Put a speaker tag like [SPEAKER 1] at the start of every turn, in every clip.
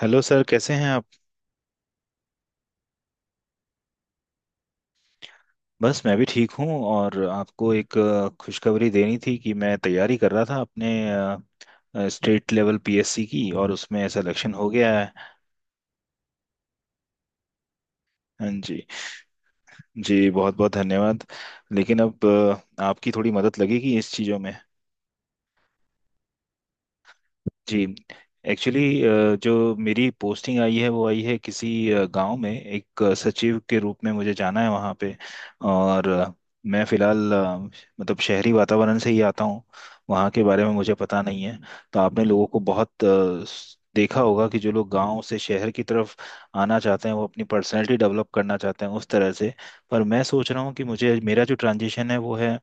[SPEAKER 1] Hello sir, कैसे हैं आप। बस मैं भी ठीक हूँ और आपको एक खुशखबरी देनी थी कि मैं तैयारी कर रहा था अपने स्टेट लेवल पीएससी की, और उसमें सिलेक्शन हो गया है। हाँ जी। जी बहुत बहुत धन्यवाद। लेकिन अब आपकी थोड़ी मदद लगेगी इस चीज़ों में। जी। एक्चुअली जो मेरी पोस्टिंग आई है वो आई है किसी गांव में, एक सचिव के रूप में मुझे जाना है वहाँ पे। और मैं फिलहाल मतलब शहरी वातावरण से ही आता हूँ। वहाँ के बारे में मुझे पता नहीं है। तो आपने लोगों को बहुत देखा होगा कि जो लोग गांव से शहर की तरफ आना चाहते हैं वो अपनी पर्सनैलिटी डेवलप करना चाहते हैं उस तरह से। पर मैं सोच रहा हूँ कि मुझे मेरा जो ट्रांजिशन है वो है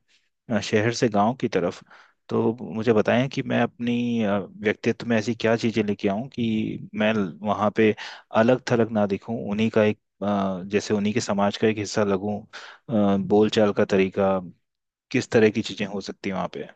[SPEAKER 1] शहर से गांव की तरफ। तो मुझे बताएं कि मैं अपनी व्यक्तित्व में ऐसी क्या चीजें लेके आऊं कि मैं वहां पे अलग थलग ना दिखूं, उन्हीं का एक, जैसे उन्हीं के समाज का एक हिस्सा लगूं। बोलचाल का तरीका, किस तरह की चीजें हो सकती हैं वहां पे।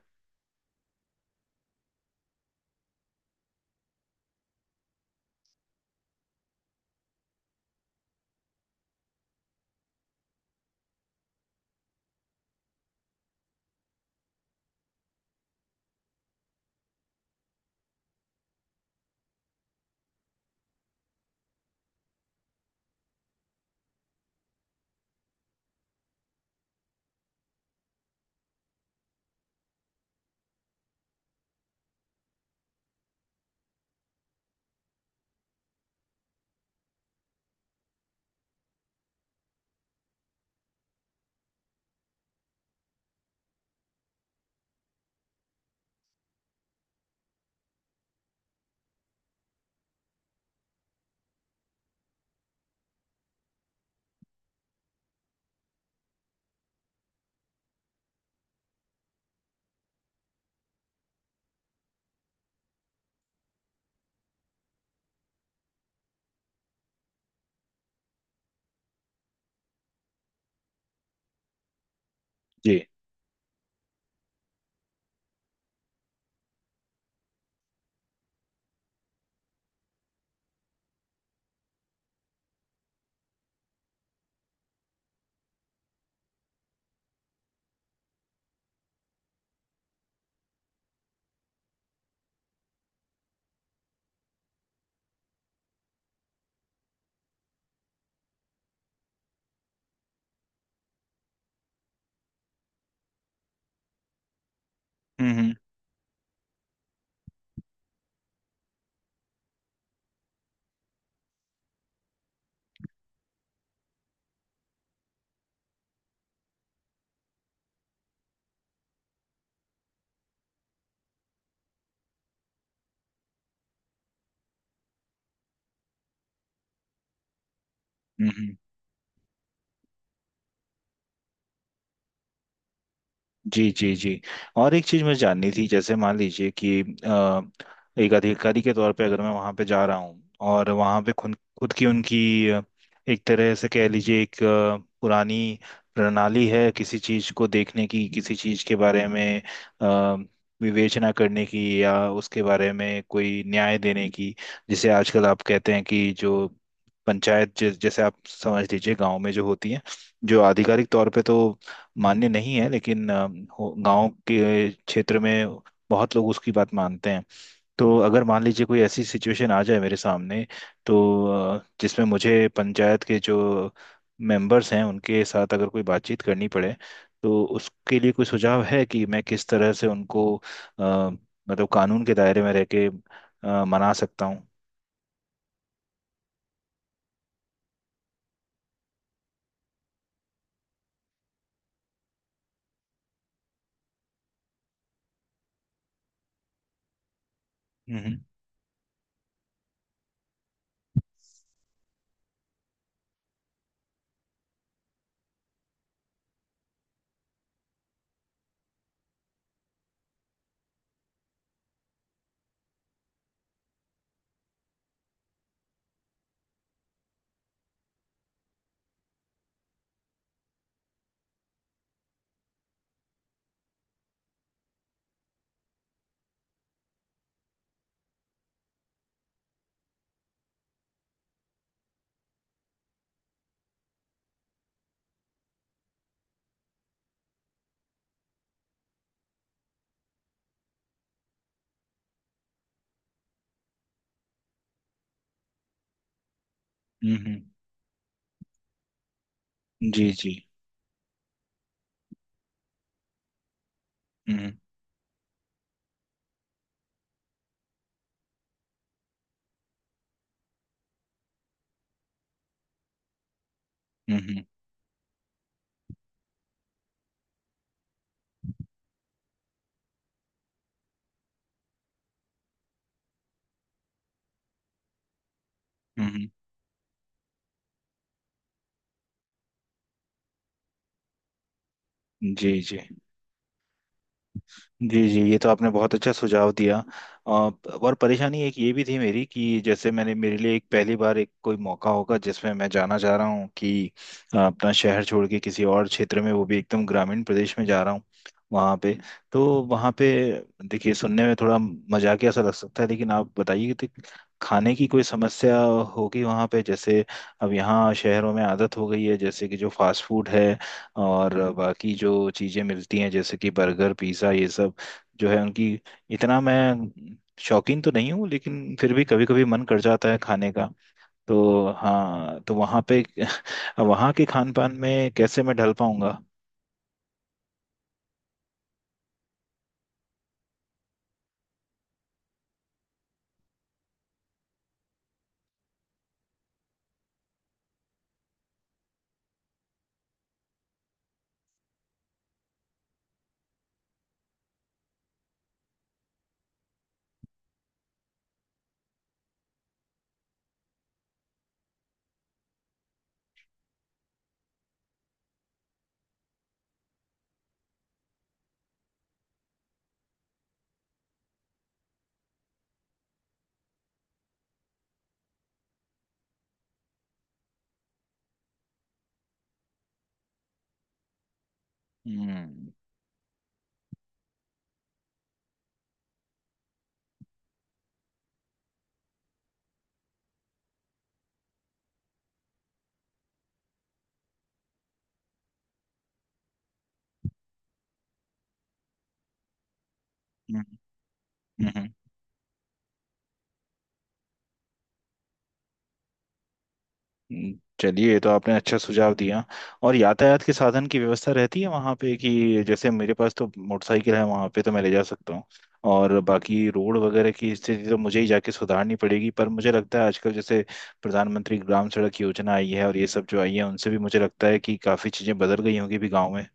[SPEAKER 1] जी। हम्म। हम्म। हम्म। जी जी जी। और एक चीज़ मुझे जाननी थी। जैसे मान लीजिए कि एक अधिकारी के तौर पे अगर मैं वहाँ पे जा रहा हूँ और वहाँ पे खुद खुद की उनकी एक तरह से कह लीजिए, एक पुरानी प्रणाली है किसी चीज़ को देखने की, किसी चीज़ के बारे में अ, विवेचना करने की, या उसके बारे में कोई न्याय देने की, जिसे आजकल आप कहते हैं कि जो पंचायत जैसे आप समझ लीजिए गांव में जो होती है, जो आधिकारिक तौर पे तो मान्य नहीं है लेकिन गांव के क्षेत्र में बहुत लोग उसकी बात मानते हैं। तो अगर मान लीजिए कोई ऐसी सिचुएशन आ जाए मेरे सामने, तो जिसमें मुझे पंचायत के जो मेंबर्स हैं उनके साथ अगर कोई बातचीत करनी पड़े, तो उसके लिए कोई सुझाव है कि मैं किस तरह से उनको मतलब कानून के दायरे में रह के मना सकता हूँ। हम्म। हम्म। जी जी। हम्म। हम्म। हम्म। जी जी जी। जी ये तो आपने बहुत अच्छा सुझाव दिया। और परेशानी एक ये भी थी मेरी कि जैसे मैंने, मेरे लिए एक पहली बार एक कोई मौका होगा जिसमें मैं जाना चाह रहा हूँ कि अपना शहर छोड़ के किसी और क्षेत्र में, वो भी एकदम ग्रामीण प्रदेश में जा रहा हूँ वहाँ पे। तो वहाँ पे, देखिए सुनने में थोड़ा मजाकिया सा लग सकता है, लेकिन आप बताइए कि खाने की कोई समस्या होगी वहाँ पे। जैसे अब यहाँ शहरों में आदत हो गई है, जैसे कि जो फास्ट फूड है और बाकी जो चीज़ें मिलती हैं, जैसे कि बर्गर पिज़्ज़ा ये सब जो है उनकी, इतना मैं शौकीन तो नहीं हूँ लेकिन फिर भी कभी कभी मन कर जाता है खाने का। तो हाँ, तो वहाँ पे वहाँ के खान पान में कैसे मैं ढल पाऊंगा। हम्म। हम्म। हम्म। हम्म। चलिए ये तो आपने अच्छा सुझाव दिया। और यातायात के साधन की व्यवस्था रहती है वहाँ पे कि जैसे मेरे पास तो मोटरसाइकिल है वहाँ पे तो मैं ले जा सकता हूँ। और बाकी रोड वगैरह की स्थिति तो मुझे ही जाके सुधारनी पड़ेगी, पर मुझे लगता है आजकल जैसे प्रधानमंत्री ग्राम सड़क योजना आई है और ये सब जो आई है उनसे भी मुझे लगता है कि काफ़ी चीज़ें बदल गई होंगी भी गाँव में।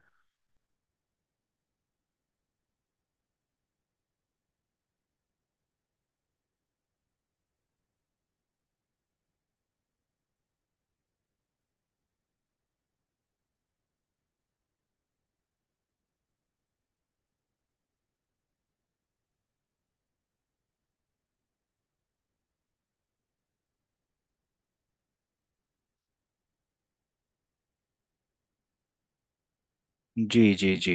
[SPEAKER 1] जी जी जी।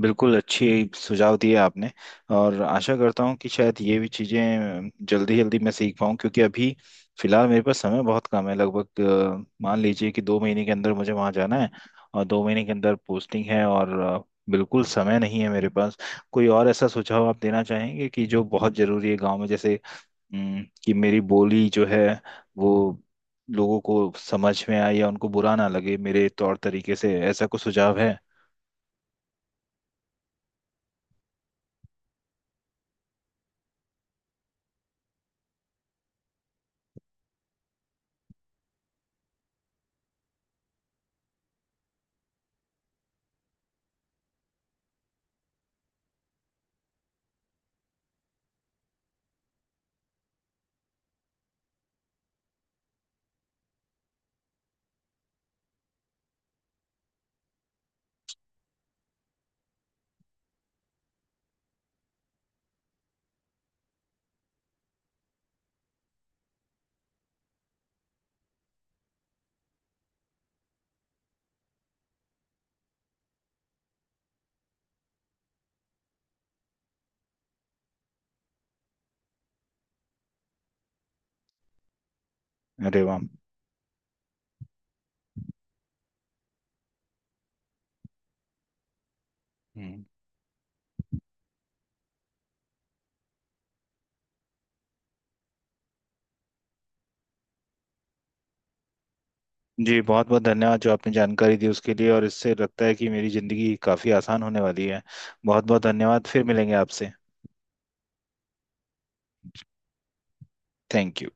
[SPEAKER 1] बिल्कुल अच्छी सुझाव दिए आपने। और आशा करता हूँ कि शायद ये भी चीज़ें जल्दी जल्दी मैं सीख पाऊँ, क्योंकि अभी फिलहाल मेरे पास समय बहुत कम है। लगभग मान लीजिए कि 2 महीने के अंदर मुझे वहाँ जाना है। और 2 महीने के अंदर पोस्टिंग है और बिल्कुल समय नहीं है मेरे पास। कोई और ऐसा सुझाव आप देना चाहेंगे कि जो बहुत ज़रूरी है गांव में, जैसे कि मेरी बोली जो है वो लोगों को समझ में आए, या उनको बुरा ना लगे मेरे तौर तरीके से, ऐसा कुछ सुझाव है। अरे वाह। हम्म। जी बहुत बहुत धन्यवाद जो आपने जानकारी दी उसके लिए, और इससे लगता है कि मेरी ज़िंदगी काफ़ी आसान होने वाली है। बहुत बहुत धन्यवाद, फिर मिलेंगे आपसे। Thank you.